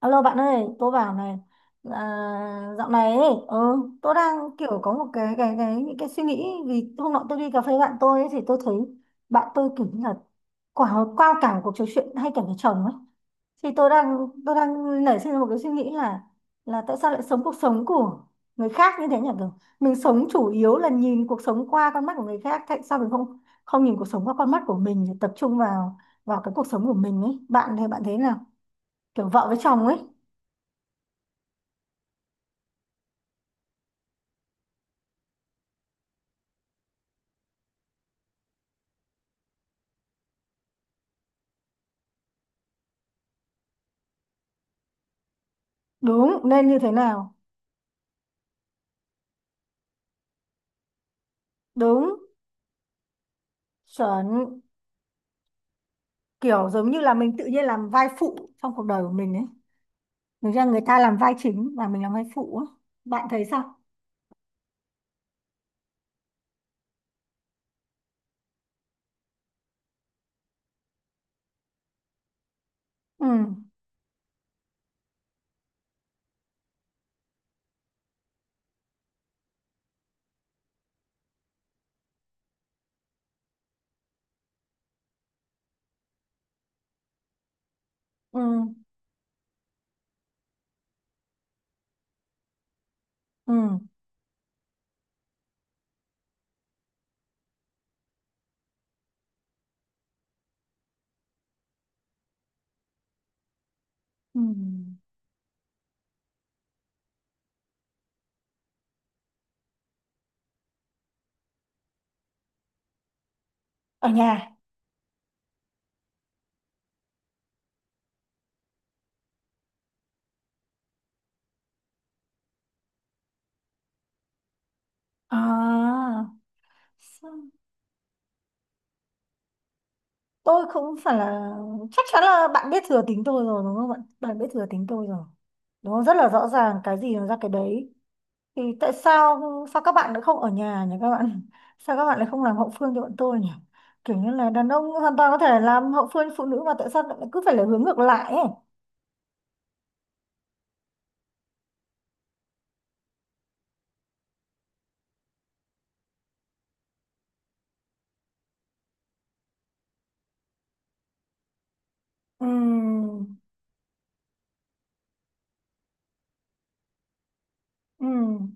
Alo bạn ơi, tôi bảo này, à, dạo này ấy, ừ, tôi đang kiểu có một cái những cái suy nghĩ vì hôm nọ tôi đi cà phê bạn tôi ấy, thì tôi thấy bạn tôi kiểu như là qua cả một cuộc trò chuyện hay cả với chồng ấy thì tôi đang nảy sinh ra một cái suy nghĩ là tại sao lại sống cuộc sống của người khác như thế nhỉ, kiểu mình sống chủ yếu là nhìn cuộc sống qua con mắt của người khác. Tại sao mình không không nhìn cuộc sống qua con mắt của mình, tập trung vào vào cái cuộc sống của mình ấy? Bạn thì bạn thấy nào? Kiểu vợ với chồng ấy. Đúng, nên như thế nào? Đúng, chuẩn. Kiểu giống như là mình tự nhiên làm vai phụ trong cuộc đời của mình ấy. Thực ra người ta làm vai chính và mình làm vai phụ ấy. Bạn thấy sao? Ừ, ừ, ừ, ừ, ở nhà. À, sao- tôi không phải là, chắc chắn là bạn biết thừa tính tôi rồi đúng không? Bạn bạn biết thừa tính tôi rồi đúng không? Rất là rõ ràng, cái gì nó ra cái đấy. Thì tại sao sao các bạn lại không ở nhà nhỉ? Các bạn, sao các bạn lại không làm hậu phương cho bọn tôi nhỉ? Kiểu như là đàn ông hoàn toàn có thể làm hậu phương cho phụ nữ, mà tại sao lại cứ phải là hướng ngược lại ấy? Ừm, ừm.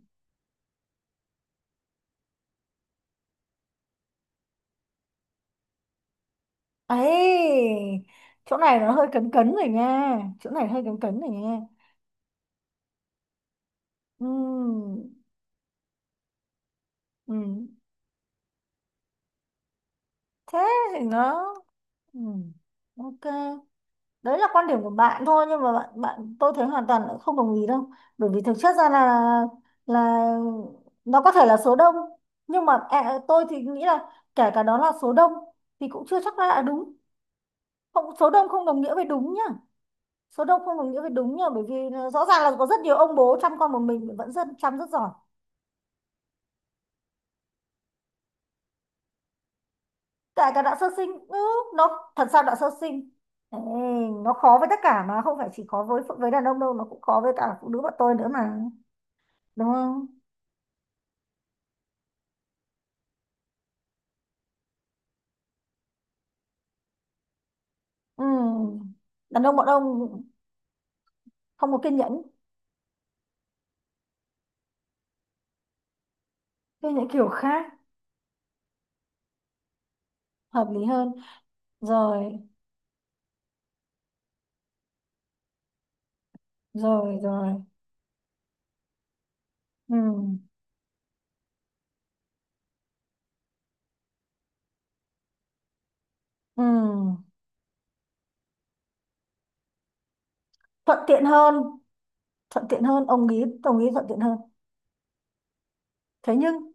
Ấy, chỗ này nó hơi cấn cấn rồi nha. Chỗ này hơi cấn cấn rồi nha. Ừm, ừm. Thế thì nó ừm, ok, đấy là quan điểm của bạn thôi, nhưng mà bạn bạn tôi thấy hoàn toàn là không đồng ý đâu. Bởi vì thực chất ra là nó có thể là số đông, nhưng mà tôi thì nghĩ là kể cả đó là số đông thì cũng chưa chắc đã là đúng. Không, số đông không đồng nghĩa với đúng nhá. Số đông không đồng nghĩa với đúng nhá, bởi vì là rõ ràng là có rất nhiều ông bố chăm con một mình mà vẫn rất chăm, rất giỏi. Kể cả đoạn sơ sinh, nó thật sao đoạn sơ sinh. Ê, nó khó với tất cả mà, không phải chỉ khó với đàn ông đâu, nó cũng khó với cả phụ nữ bọn tôi nữa mà, đúng không? Ừ. Đàn ông bọn ông không có kiên nhẫn. Kiên nhẫn kiểu khác. Hợp lý hơn. Rồi, rồi, rồi. Ừ. Ừ. Thuận tiện hơn. Thuận tiện hơn ông ý thuận tiện hơn. Thế nhưng.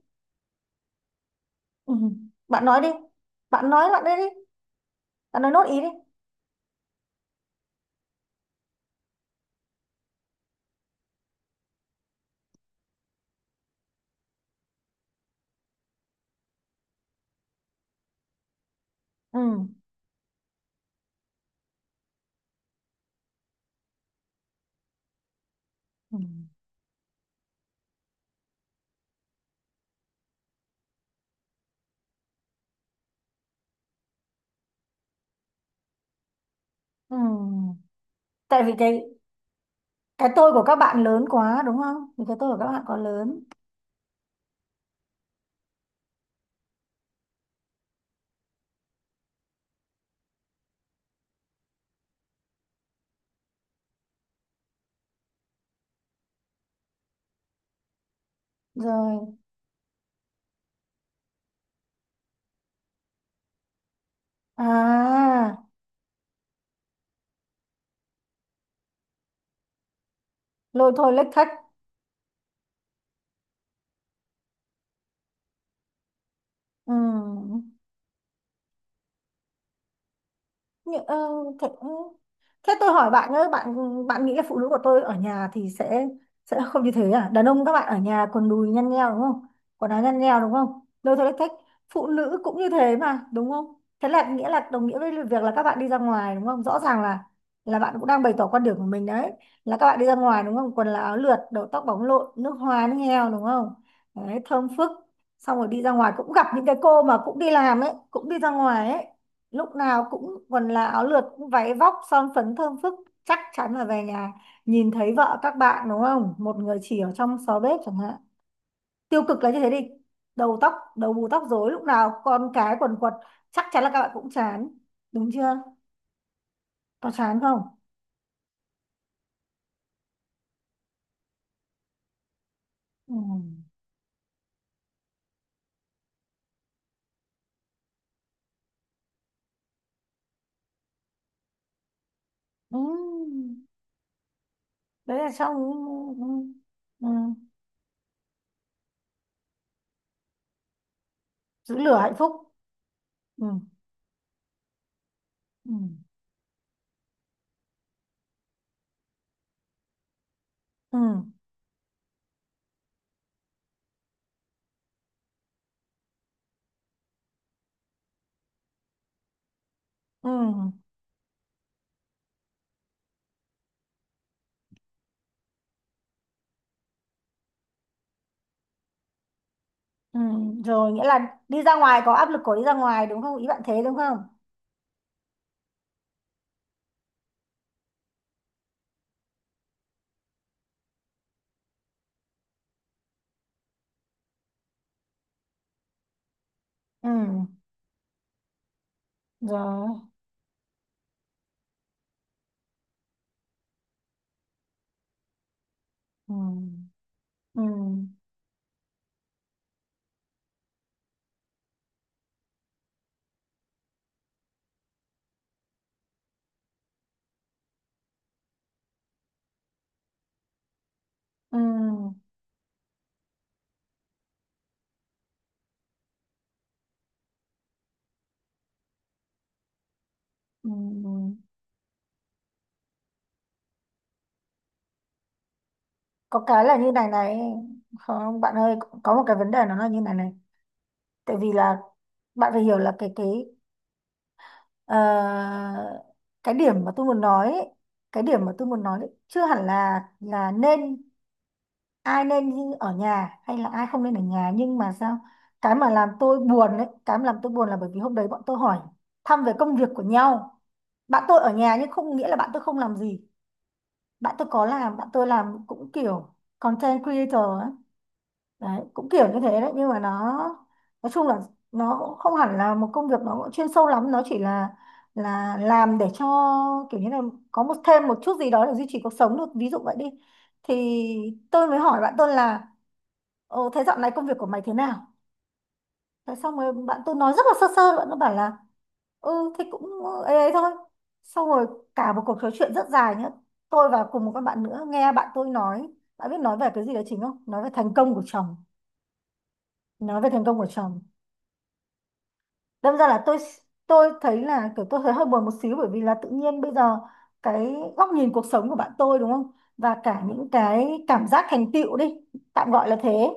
Ừ. Bạn nói đi. Bạn nói lại đây đi. Bạn nói nốt ý đi. Ừ. Ừ. Ừ. Tại vì cái tôi của các bạn lớn quá đúng không? Vì cái tôi của các bạn quá lớn. Rồi. À, lôi thôi lếch thếch. Ừ. Nhự- ờ, thật, ừ. Thế tôi hỏi bạn nhé, bạn, bạn nghĩ là phụ nữ của tôi ở nhà thì sẽ không như thế à? Đàn ông các bạn ở nhà quần đùi nhăn nheo đúng không? Quần áo nhăn nheo đúng không? Lôi thôi thách, phụ nữ cũng như thế mà, đúng không? Thế là nghĩa là đồng nghĩa với việc là các bạn đi ra ngoài đúng không? Rõ ràng là bạn cũng đang bày tỏ quan điểm của mình đấy, là các bạn đi ra ngoài đúng không? Quần là áo lượt, đầu tóc bóng lộn, nước hoa nước heo đúng không? Đấy, thơm phức, xong rồi đi ra ngoài cũng gặp những cái cô mà cũng đi làm ấy, cũng đi ra ngoài ấy, lúc nào cũng quần là áo lượt, cũng váy vóc son phấn thơm phức. Chắc chắn là về nhà nhìn thấy vợ các bạn đúng không, một người chỉ ở trong xó bếp chẳng hạn, tiêu cực là như thế đi, đầu tóc đầu bù tóc rối, lúc nào con cái quần quật. Chắc chắn là các bạn cũng chán. Đúng chưa? Có chán không? Ừ. Ừ. Đấy là trong. Ừ. Ừ. Giữ lửa hạnh phúc. Ừ. Ừ. Ừ. Ừ. Ừ. Rồi, nghĩa là đi ra ngoài có áp lực của đi ra ngoài, đúng không, ý bạn thế đúng không? Ừ. Rồi. Ừ. Ừ. Ừ. Ừ. Ừ. Có cái là như này này. Không bạn ơi, có một cái vấn đề nó là như này này. Tại vì là bạn phải hiểu là cái ờ, cái điểm mà tôi muốn nói ấy, cái điểm mà tôi muốn nói ấy, chưa hẳn là nên ai nên như ở nhà hay là ai không nên ở nhà, nhưng mà sao cái mà làm tôi buồn ấy, cái mà làm tôi buồn là bởi vì hôm đấy bọn tôi hỏi thăm về công việc của nhau. Bạn tôi ở nhà nhưng không nghĩa là bạn tôi không làm gì. Bạn tôi có làm, bạn tôi làm cũng kiểu content creator ấy. Đấy, cũng kiểu như thế đấy, nhưng mà nó, nói chung là nó cũng không hẳn là một công việc, nó cũng chuyên sâu lắm, nó chỉ là làm để cho kiểu như là có một thêm một chút gì đó để duy trì cuộc sống được, ví dụ vậy đi. Thì tôi mới hỏi bạn tôi là: Ồ, thế dạo này công việc của mày thế nào? Thế xong rồi bạn tôi nói rất là sơ sơ, bạn nó bảo là ừ thì cũng ấy ấy thôi. Xong rồi cả một cuộc trò chuyện rất dài nhá, tôi và cùng một các bạn nữa nghe bạn tôi nói, bạn biết nói về cái gì đó chính không, nói về thành công của chồng. Nói về thành công của chồng. Đâm ra là tôi thấy là kiểu tôi thấy hơi buồn một xíu, bởi vì là tự nhiên bây giờ cái góc nhìn cuộc sống của bạn tôi đúng không, và cả những cái cảm giác thành tựu đi, tạm gọi là thế,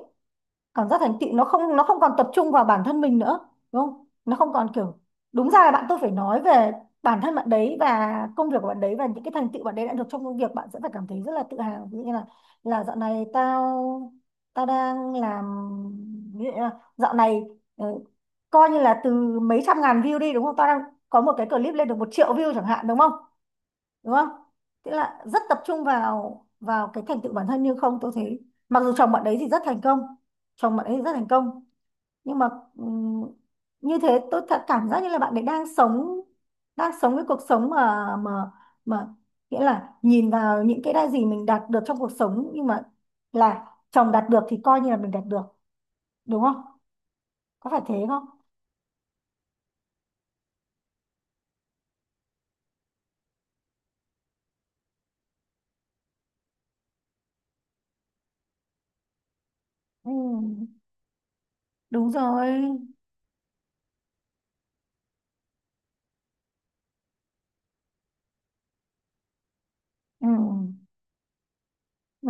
cảm giác thành tựu nó không, nó không còn tập trung vào bản thân mình nữa đúng không? Nó không còn kiểu, đúng ra là bạn tôi phải nói về bản thân bạn đấy và công việc của bạn đấy và những cái thành tựu bạn đấy đã được trong công việc, bạn sẽ phải cảm thấy rất là tự hào, ví dụ như là dạo này tao, tao đang làm, ví dụ như là dạo này ờ, coi như là từ mấy trăm ngàn view đi đúng không, tao đang có một cái clip lên được 1 triệu view chẳng hạn, đúng không? Đúng không? Tức là rất tập trung vào vào cái thành tựu bản thân, nhưng không, tôi thấy mặc dù chồng bạn đấy thì rất thành công, chồng bạn ấy thì rất thành công, nhưng mà ừm, như thế tôi thật cảm giác như là bạn ấy đang sống, đang sống cái cuộc sống mà nghĩa là nhìn vào những cái đã gì mình đạt được trong cuộc sống, nhưng mà là chồng đạt được thì coi như là mình đạt được, đúng không? Có phải thế không? Ừ, đúng rồi. Ừ, ừ.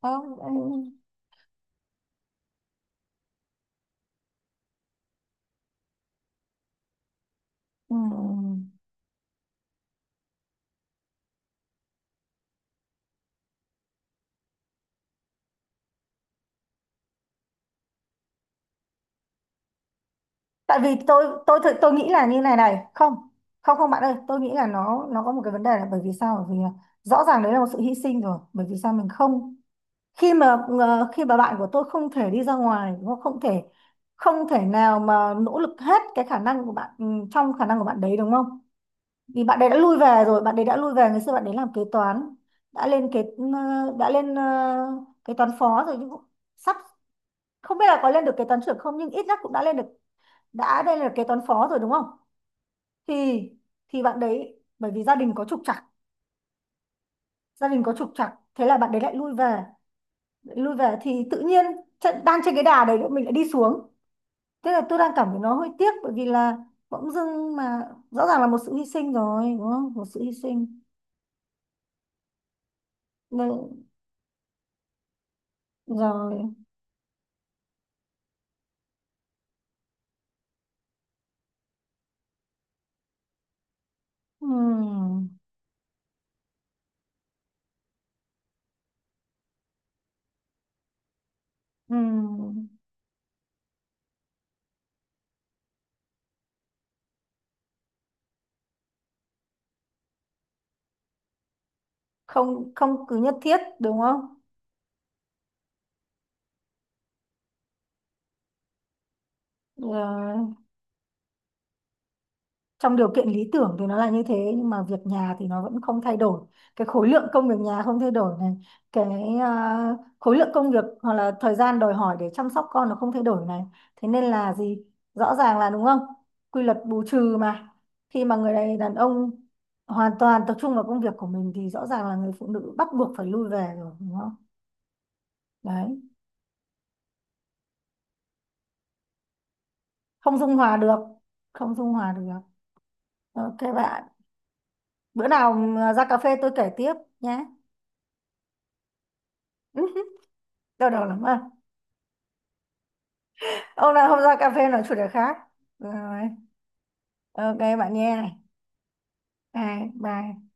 Không, ừ. Ừ. Tại vì tôi nghĩ là như này này. Không, không không bạn ơi, tôi nghĩ là nó có một cái vấn đề là bởi vì sao, bởi vì là rõ ràng đấy là một sự hy sinh rồi, bởi vì sao mình không, khi mà khi mà bạn của tôi không thể đi ra ngoài, nó không, không thể, không thể nào mà nỗ lực hết cái khả năng của bạn, trong khả năng của bạn đấy đúng không? Vì bạn đấy đã lui về rồi, bạn đấy đã lui về, ngày xưa bạn đấy làm kế toán, đã lên kế, ờ, đã lên ờ, kế toán phó rồi, nhưng cũng sắp không biết là có lên được kế toán trưởng không, nhưng ít nhất cũng đã lên được, đã lên được kế toán phó rồi đúng không? Thì, thì bạn đấy bởi vì gia đình có trục trặc, gia đình có trục trặc, thế là bạn đấy lại lui về, lại lui về, thì tự nhiên trận đang trên cái đà đấy mình lại đi xuống. Thế là tôi đang cảm thấy nó hơi tiếc, bởi vì là bỗng dưng mà rõ ràng là một sự hy sinh rồi đúng không, một sự hy sinh. Nên- rồi. Ừm, ừm. Không, không cứ nhất thiết đúng không. Rồi, trong điều kiện lý tưởng thì nó là như thế, nhưng mà việc nhà thì nó vẫn không thay đổi, cái khối lượng công việc nhà không thay đổi này, cái khối lượng công việc hoặc là thời gian đòi hỏi để chăm sóc con nó không thay đổi này. Thế nên là gì, rõ ràng là đúng không, quy luật bù trừ mà. Khi mà người đàn đàn ông hoàn toàn tập trung vào công việc của mình thì rõ ràng là người phụ nữ bắt buộc phải lui về rồi đúng không? Đấy, không dung hòa được. Không dung hòa được. Ok bạn, bữa nào ra cà phê tôi kể tiếp nhé. Đau đầu lắm à? Ông nào không ra cà phê nói chủ đề khác. Rồi. Ok bạn nghe này. Hai, ba.